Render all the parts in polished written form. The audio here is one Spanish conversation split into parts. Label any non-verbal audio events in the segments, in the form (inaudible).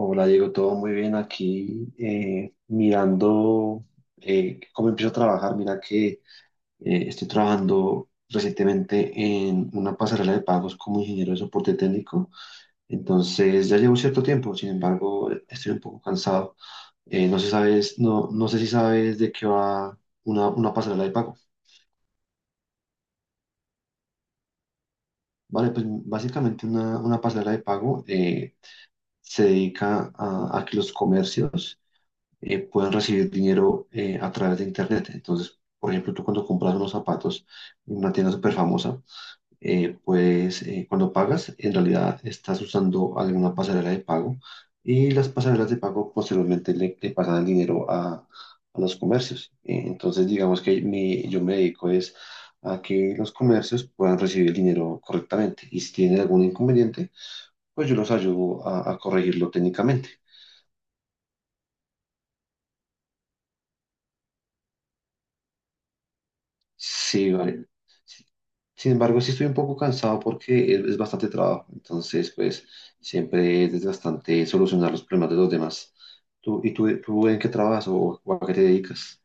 Hola Diego, todo muy bien aquí, mirando cómo empiezo a trabajar. Mira que estoy trabajando recientemente en una pasarela de pagos como ingeniero de soporte técnico. Entonces ya llevo cierto tiempo, sin embargo estoy un poco cansado. No sé sabes, no, no sé si sabes de qué va una pasarela de pago. Vale, pues básicamente una pasarela de pago se dedica a que los comercios pueden recibir dinero a través de Internet. Entonces, por ejemplo, tú cuando compras unos zapatos en una tienda súper famosa, pues cuando pagas, en realidad estás usando alguna pasarela de pago y las pasarelas de pago posteriormente le pasan el dinero a los comercios. Entonces, digamos que yo me dedico es a que los comercios puedan recibir el dinero correctamente y si tienen algún inconveniente, pues yo los ayudo a corregirlo técnicamente. Sí, vale. Sí. Sin embargo, sí estoy un poco cansado porque es bastante trabajo. Entonces, pues, siempre es desgastante solucionar los problemas de los demás. ¿Y tú, en qué trabajas o a qué te dedicas?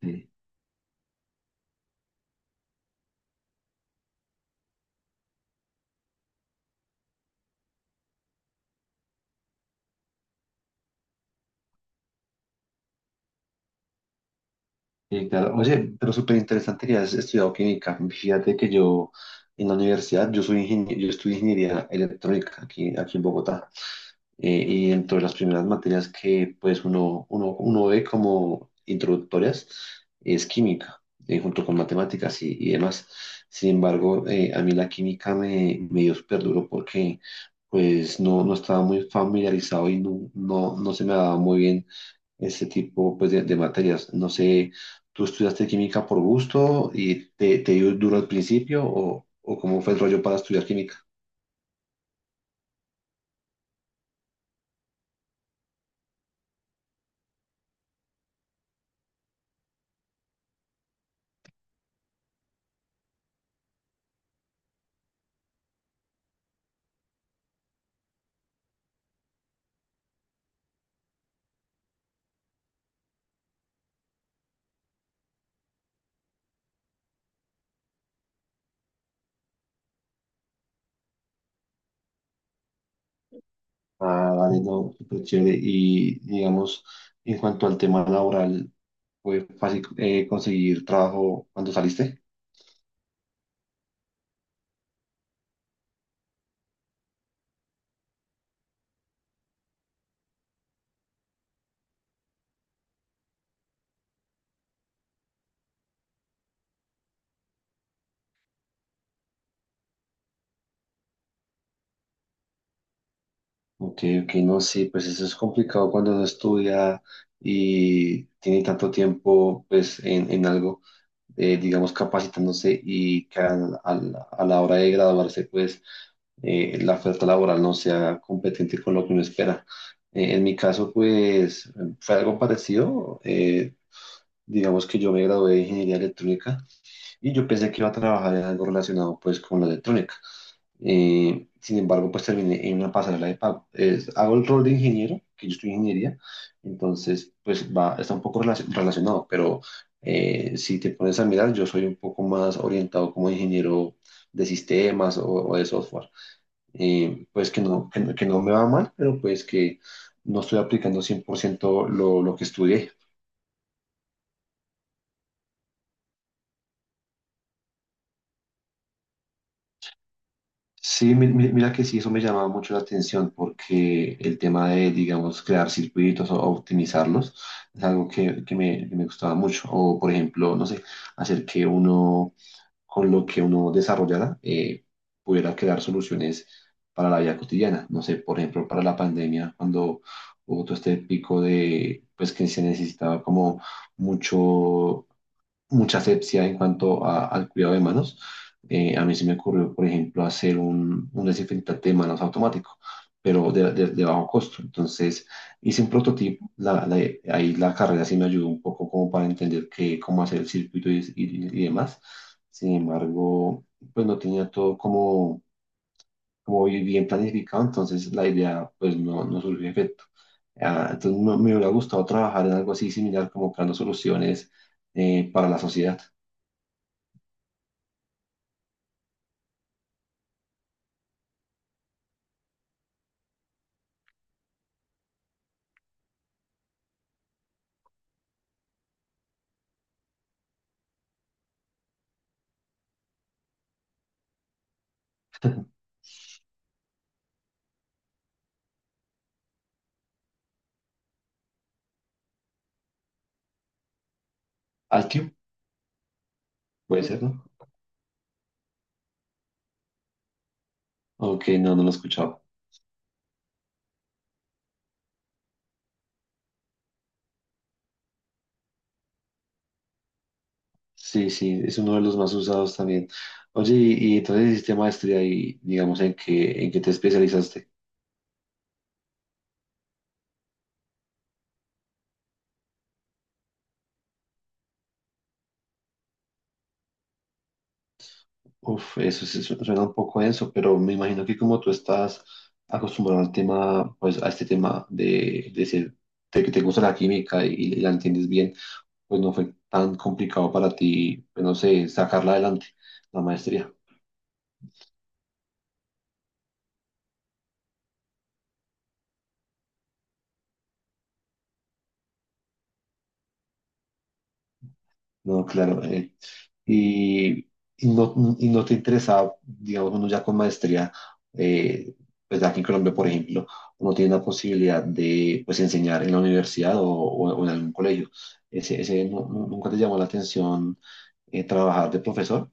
Sí. Sí, claro. Oye, pero súper interesante que has estudiado química. Fíjate que yo en la universidad, yo soy ingeniero, yo estudié ingeniería electrónica aquí en Bogotá. Y dentro de las primeras materias que pues uno ve como introductorias es química, junto con matemáticas y demás. Sin embargo, a mí la química me dio súper duro porque pues no estaba muy familiarizado y no se me daba muy bien ese tipo pues, de materias. No sé, ¿tú estudiaste química por gusto y te dio duro al principio o cómo fue el rollo para estudiar química? Ah, vale, no, súper chévere. Y digamos, en cuanto al tema laboral, ¿fue fácil conseguir trabajo cuando saliste? Ok, ok, no, sí, pues eso es complicado cuando uno estudia y tiene tanto tiempo pues en algo, digamos, capacitándose y que a la hora de graduarse pues la oferta laboral no sea competente con lo que uno espera. En mi caso pues fue algo parecido, digamos que yo me gradué de ingeniería electrónica y yo pensé que iba a trabajar en algo relacionado pues con la electrónica. Sin embargo, pues terminé en una pasarela de pago. Hago el rol de ingeniero, que yo estoy ingeniería, entonces pues va, está un poco relacionado, pero si te pones a mirar, yo soy un poco más orientado como ingeniero de sistemas o de software. Pues que no, que, no que no me va mal, pero pues que no estoy aplicando 100% lo que estudié. Sí, mira que sí, eso me llamaba mucho la atención porque el tema de, digamos, crear circuitos o optimizarlos es algo que me gustaba mucho. O, por ejemplo, no sé, hacer que uno, con lo que uno desarrollara, pudiera crear soluciones para la vida cotidiana. No sé, por ejemplo, para la pandemia, cuando hubo todo este pico de, pues que se necesitaba como mucho mucha asepsia en cuanto al cuidado de manos. A mí se me ocurrió, por ejemplo, hacer un desinfectante de manos automático, pero de bajo costo. Entonces, hice un prototipo. Ahí la carrera sí me ayudó un poco como para entender qué, cómo hacer el circuito y demás. Sin embargo, pues no tenía todo como bien planificado. Entonces la idea pues no surgió efecto. Ah, entonces me hubiera gustado trabajar en algo así similar, como creando soluciones para la sociedad. Altium, puede ser, ¿no? Ok, no, no lo he escuchado. Sí, sí, es uno de los más usados también. Oye, y entonces hiciste maestría y digamos en qué te especializaste. Uf, eso sí suena un poco denso, pero me imagino que como tú estás acostumbrado al tema, pues a este tema de que te gusta la química y la entiendes bien, pues no fue tan complicado para ti, pues, no sé, sacarla adelante, la maestría. No, claro. Y, y no, y no te interesaba, digamos, uno ya con maestría. eh, pues aquí en Colombia, por ejemplo, uno tiene la posibilidad de pues, enseñar en la universidad o en algún colegio. Ese nunca te llamó la atención trabajar de profesor.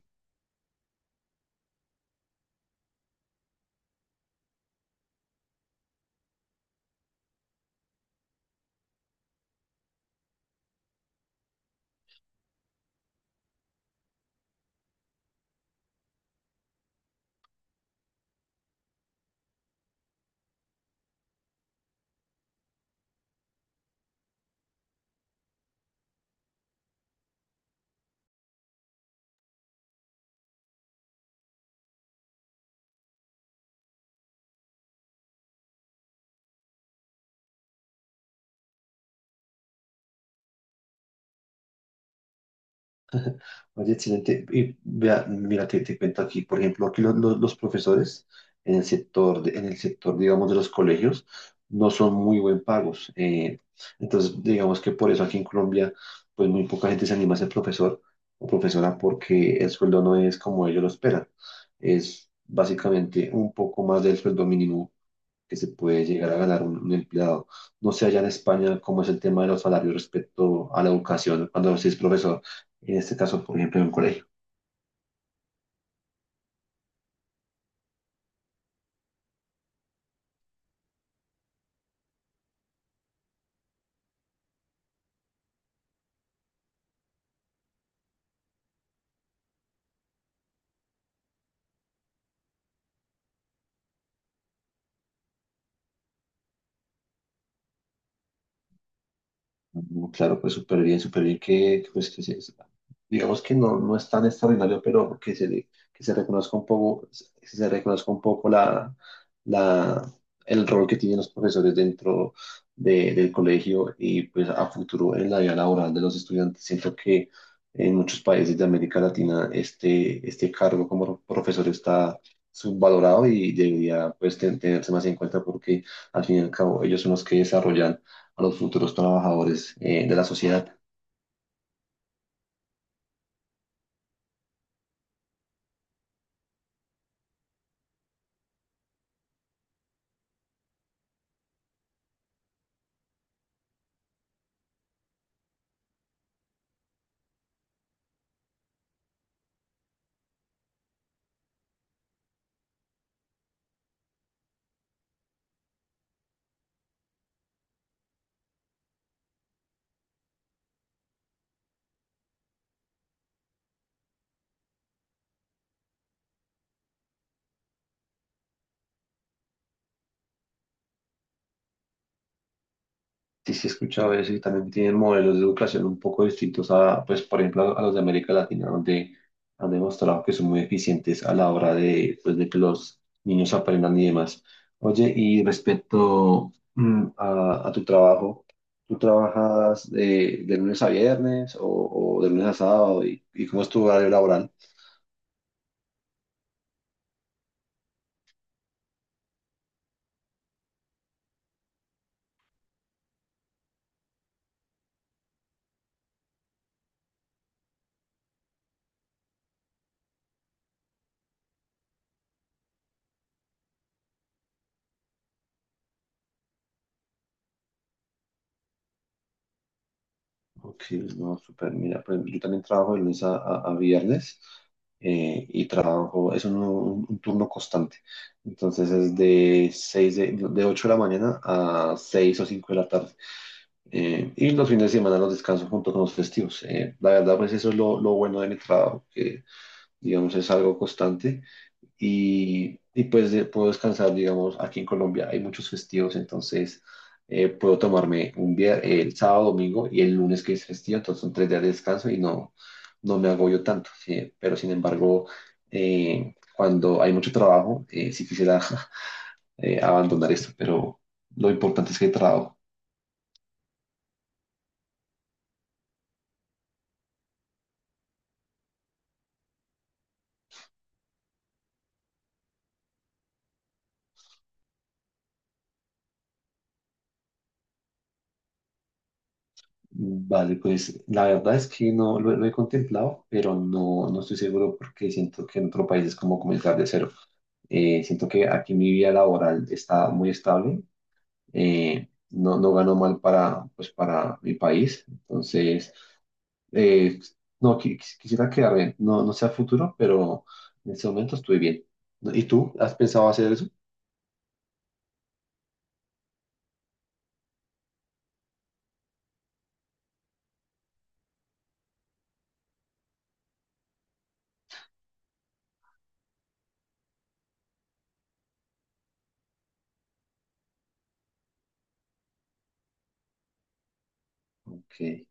Oye, excelente. Y vea, mira, te cuento aquí, por ejemplo, aquí los profesores en el sector, en el sector, digamos, de los colegios, no son muy buen pagos. Entonces, digamos que por eso aquí en Colombia, pues muy poca gente se anima a ser profesor o profesora porque el sueldo no es como ellos lo esperan. Es básicamente un poco más del sueldo mínimo que se puede llegar a ganar un empleado. No sé allá en España cómo es el tema de los salarios respecto a la educación cuando se es profesor, en este caso, por ejemplo, en un colegio. No, claro, pues súper bien que, pues, que se- digamos que no es tan extraordinario, pero que se reconozca un poco, que se reconozca un poco la, el rol que tienen los profesores dentro del colegio y pues a futuro en la vida laboral de los estudiantes. Siento que en muchos países de América Latina este cargo como profesor está subvalorado y debería pues tenerse más en cuenta porque al fin y al cabo ellos son los que desarrollan a los futuros trabajadores de la sociedad. Sí, sí, he escuchado eso y también tienen modelos de educación un poco distintos a, pues, por ejemplo, a, los de América Latina, donde han demostrado que son muy eficientes a la hora de, pues, de que los niños aprendan y demás. Oye, y respecto a tu trabajo. ¿Tú trabajas de lunes a viernes o de lunes a sábado? ¿Y cómo es tu horario laboral? Ok, no, súper. Mira, por ejemplo, yo también trabajo de lunes a viernes. Y trabajo, es un turno constante. Entonces es de 6 de 8 de la mañana a 6 o 5 de la tarde. Y los fines de semana los descanso junto con los festivos. La verdad, pues eso es lo bueno de mi trabajo, que digamos es algo constante y pues puedo descansar. Digamos, aquí en Colombia hay muchos festivos. Entonces puedo tomarme un día, el sábado, domingo y el lunes que es festivo. Entonces son 3 días de descanso y no me agobio tanto, sí. Pero sin embargo, cuando hay mucho trabajo, sí quisiera (laughs) abandonar esto, pero lo importante es que hay trabajo. Vale, pues la verdad es que no lo he contemplado, pero no, no estoy seguro porque siento que en otro país es como comenzar de cero. Siento que aquí mi vida laboral está muy estable. No, no gano mal para, pues, para mi país. Entonces eh, no quisiera quedarme, no, no sé a futuro, pero en este momento estoy bien. ¿Y tú has pensado hacer eso? Ok.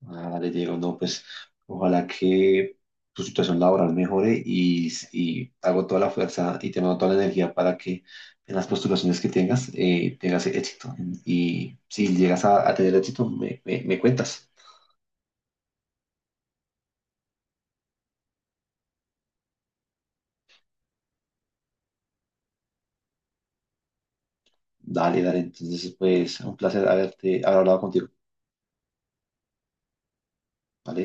Vale, Diego, no, pues ojalá que tu situación laboral mejore y hago toda la fuerza y te mando toda la energía para que en las postulaciones que tengas tengas éxito. Y si llegas a tener éxito, me cuentas. Dale, dale. Entonces, pues un placer haberte haber hablado contigo. ¿Vale?